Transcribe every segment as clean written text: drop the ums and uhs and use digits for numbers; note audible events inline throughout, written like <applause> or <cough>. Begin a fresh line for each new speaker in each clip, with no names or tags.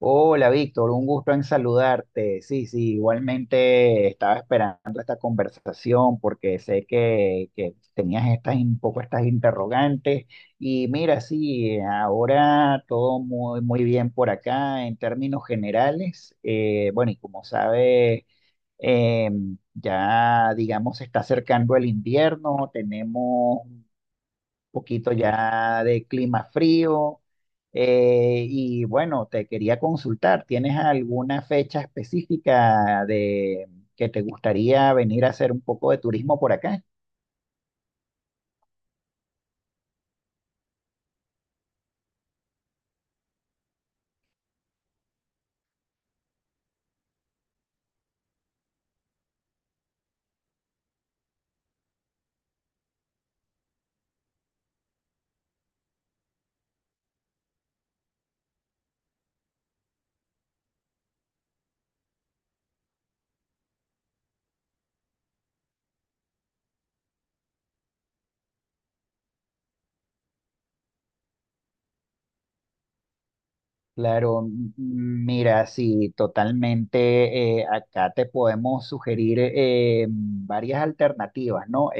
Hola Víctor, un gusto en saludarte. Sí, sí, igualmente estaba esperando esta conversación porque sé que tenías estas, un poco estas interrogantes y mira, sí, ahora todo muy bien por acá en términos generales. Bueno, y como sabes, eh, ya digamos se está acercando el invierno, tenemos poquito ya de clima frío. Y bueno, te quería consultar, ¿tienes alguna fecha específica de que te gustaría venir a hacer un poco de turismo por acá? Claro, mira, sí, totalmente. Acá te podemos sugerir varias alternativas, ¿no?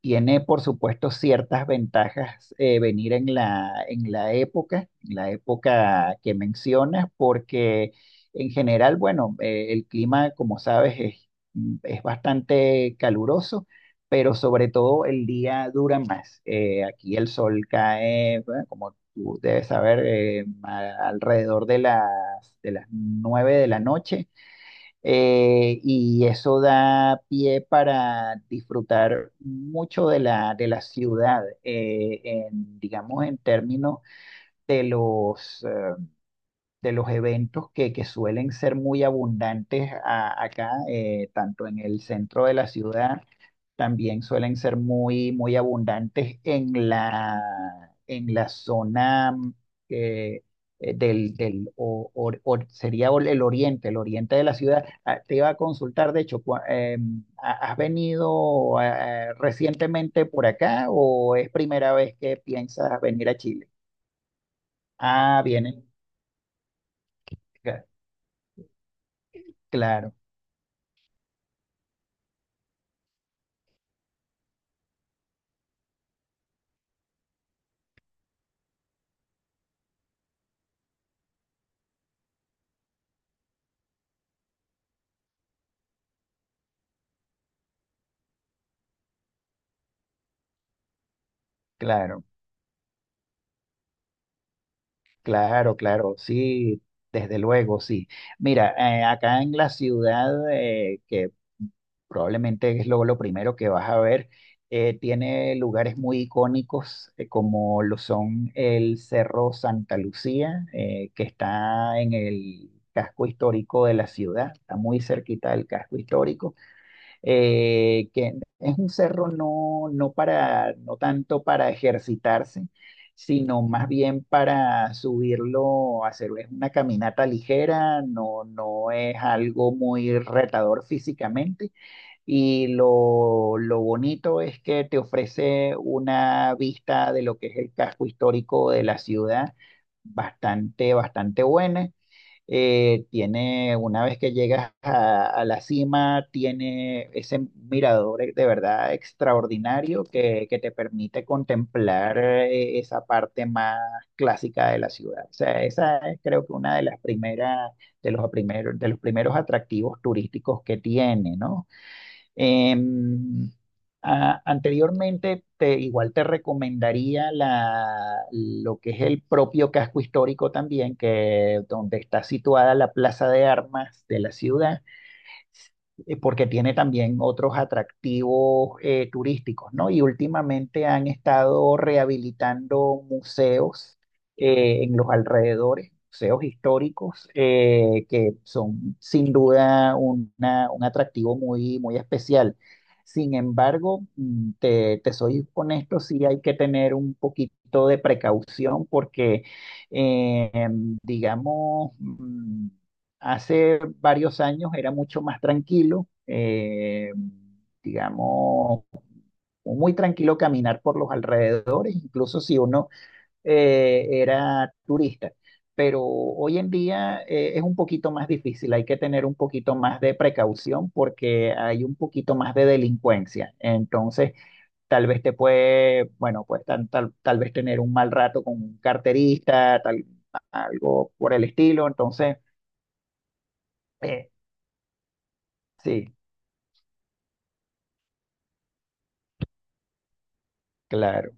Tiene, por supuesto, ciertas ventajas venir en la época que mencionas, porque en general, bueno, el clima, como sabes, es bastante caluroso, pero sobre todo el día dura más. Aquí el sol cae, bueno, como tú debes saber, alrededor de de las 9 de la noche y eso da pie para disfrutar mucho de la ciudad, en, digamos, en términos de los, eh, de los eventos que suelen ser muy abundantes acá, tanto en el centro de la ciudad, también suelen ser muy abundantes en la zona eh, del sería el oriente de la ciudad. Ah, te iba a consultar, de hecho, ¿has venido recientemente por acá o es primera vez que piensas venir a Chile? Ah, vienen. Claro, claro. Claro, claro, sí, desde luego, sí. Mira, acá en la ciudad, que probablemente es lo primero que vas a ver, tiene lugares muy icónicos, como lo son el Cerro Santa Lucía, que está en el casco histórico de la ciudad, está muy cerquita del casco histórico que es un cerro no, no para, no tanto para ejercitarse, sino más bien para subirlo, hacer es una caminata ligera, no, no es algo muy retador físicamente. Y lo bonito es que te ofrece una vista de lo que es el casco histórico de la ciudad bastante, bastante buena. Tiene, una vez que llegas a la cima, tiene ese mirador de verdad extraordinario que te permite contemplar esa parte más clásica de la ciudad. O sea, esa es creo que una de las primeras, de los primeros atractivos turísticos que tiene, ¿no? Em, Anteriormente, te, igual te recomendaría lo que es el propio casco histórico también, que donde está situada la plaza de armas de la ciudad, porque tiene también otros atractivos turísticos, ¿no? Y últimamente han estado rehabilitando museos en los alrededores, museos históricos, que son sin duda un atractivo muy especial. Sin embargo, te, te soy honesto, sí hay que tener un poquito de precaución porque, digamos, hace varios años era mucho más tranquilo, digamos, muy tranquilo caminar por los alrededores, incluso si uno era turista. Pero hoy en día es un poquito más difícil, hay que tener un poquito más de precaución porque hay un poquito más de delincuencia. Entonces, tal vez te puede, bueno, pues tal vez tener un mal rato con un carterista, tal, algo por el estilo. Entonces, eh, sí. Claro.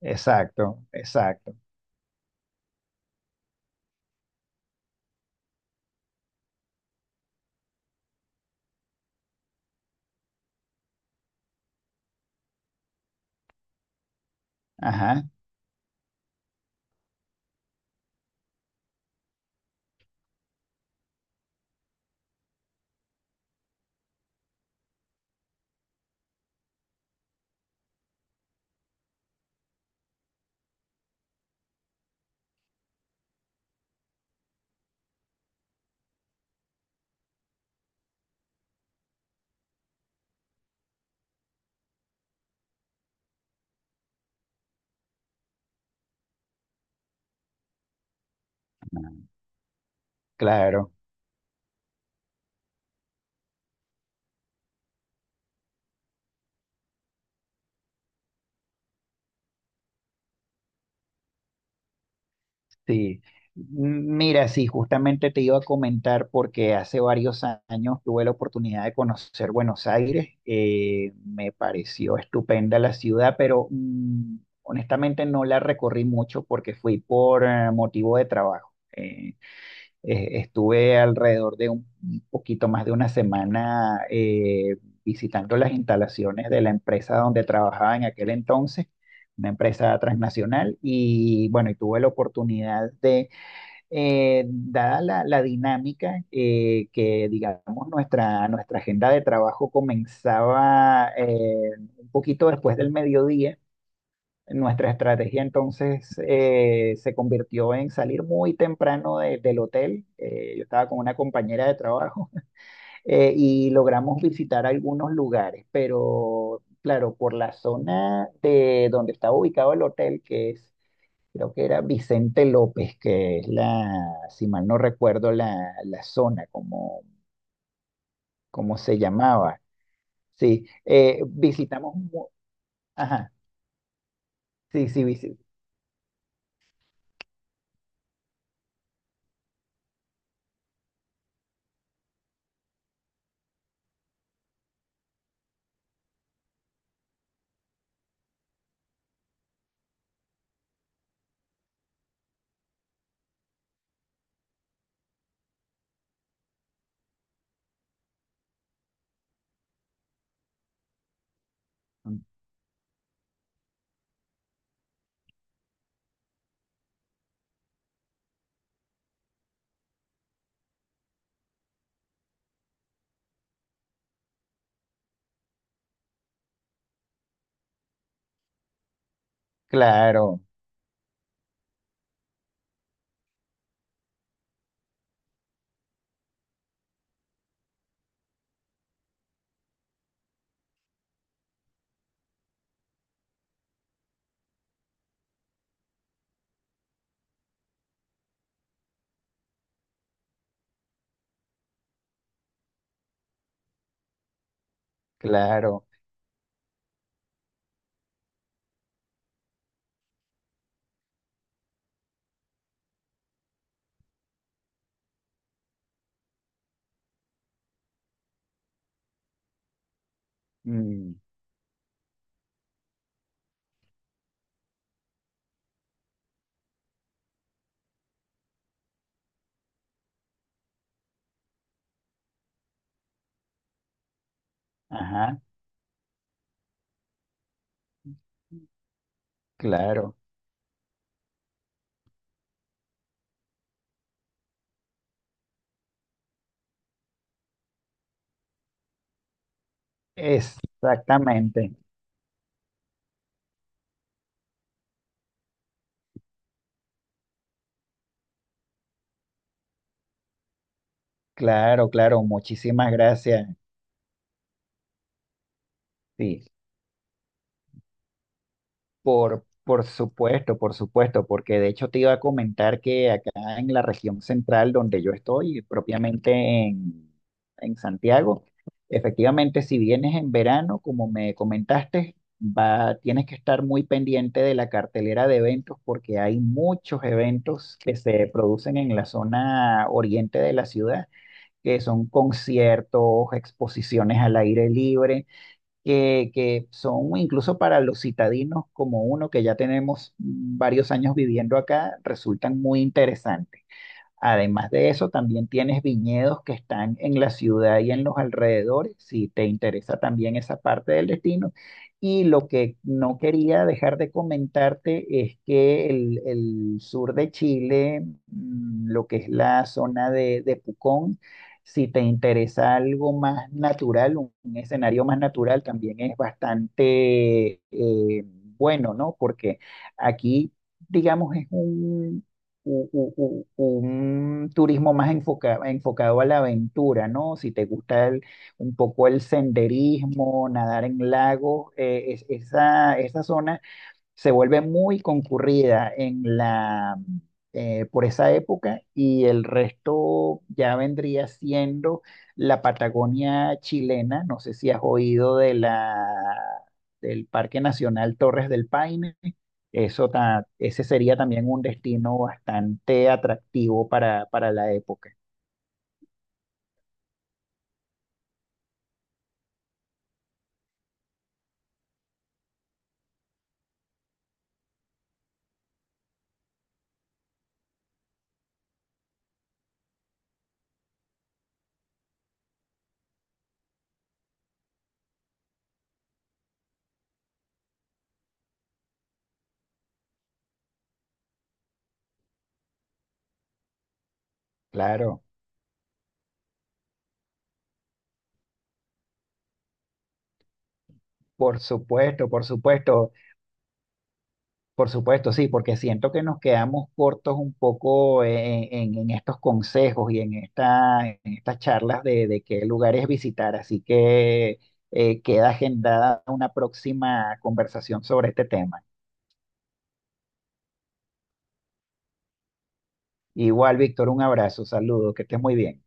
Exacto, exacto. Ajá, claro, sí. Mira, sí, justamente te iba a comentar porque hace varios años tuve la oportunidad de conocer Buenos Aires. Me pareció estupenda la ciudad, pero honestamente no la recorrí mucho porque fui por motivo de trabajo. Estuve alrededor de un poquito más de una semana visitando las instalaciones de la empresa donde trabajaba en aquel entonces, una empresa transnacional, y bueno, y tuve la oportunidad de, dada la dinámica que, digamos, nuestra agenda de trabajo comenzaba un poquito después del mediodía, nuestra estrategia entonces se convirtió en salir muy temprano del hotel. Yo estaba con una compañera de trabajo <laughs> y logramos visitar algunos lugares, pero claro, por la zona de donde estaba ubicado el hotel, que es, creo que era Vicente López, que es la, si mal no recuerdo la zona, como, como se llamaba. Sí, visitamos, ajá, sí, claro, claro. Mm, Ajá, claro. Exactamente. Claro, claro. Muchísimas gracias. Sí, por supuesto, porque de hecho te iba a comentar que acá en la región central donde yo estoy, propiamente en, en Santiago, efectivamente, si vienes en verano, como me comentaste, va, tienes que estar muy pendiente de la cartelera de eventos porque hay muchos eventos que se producen en la zona oriente de la ciudad, que son conciertos, exposiciones al aire libre, que son incluso para los citadinos como uno que ya tenemos varios años viviendo acá, resultan muy interesantes. Además de eso, también tienes viñedos que están en la ciudad y en los alrededores, si te interesa también esa parte del destino. Y lo que no quería dejar de comentarte es que el sur de Chile, lo que es la zona de Pucón, si te interesa algo más natural, un escenario más natural, también es bastante bueno, ¿no? Porque aquí digamos, es un, u- u- u- un turismo más enfocado enfocado a la aventura, ¿no? Si te gusta un poco el senderismo, nadar en lagos, esa, esa zona se vuelve muy concurrida en la, por esa época y el resto ya vendría siendo la Patagonia chilena. No sé si has oído de del Parque Nacional Torres del Paine. Ese sería también un destino bastante atractivo para la época. Claro, por supuesto, por supuesto. Por supuesto, sí, porque siento que nos quedamos cortos un poco en, en estos consejos y en esta, en estas charlas de qué lugares visitar, así que queda agendada una próxima conversación sobre este tema. Igual, Víctor, un abrazo, saludos, que estés muy bien.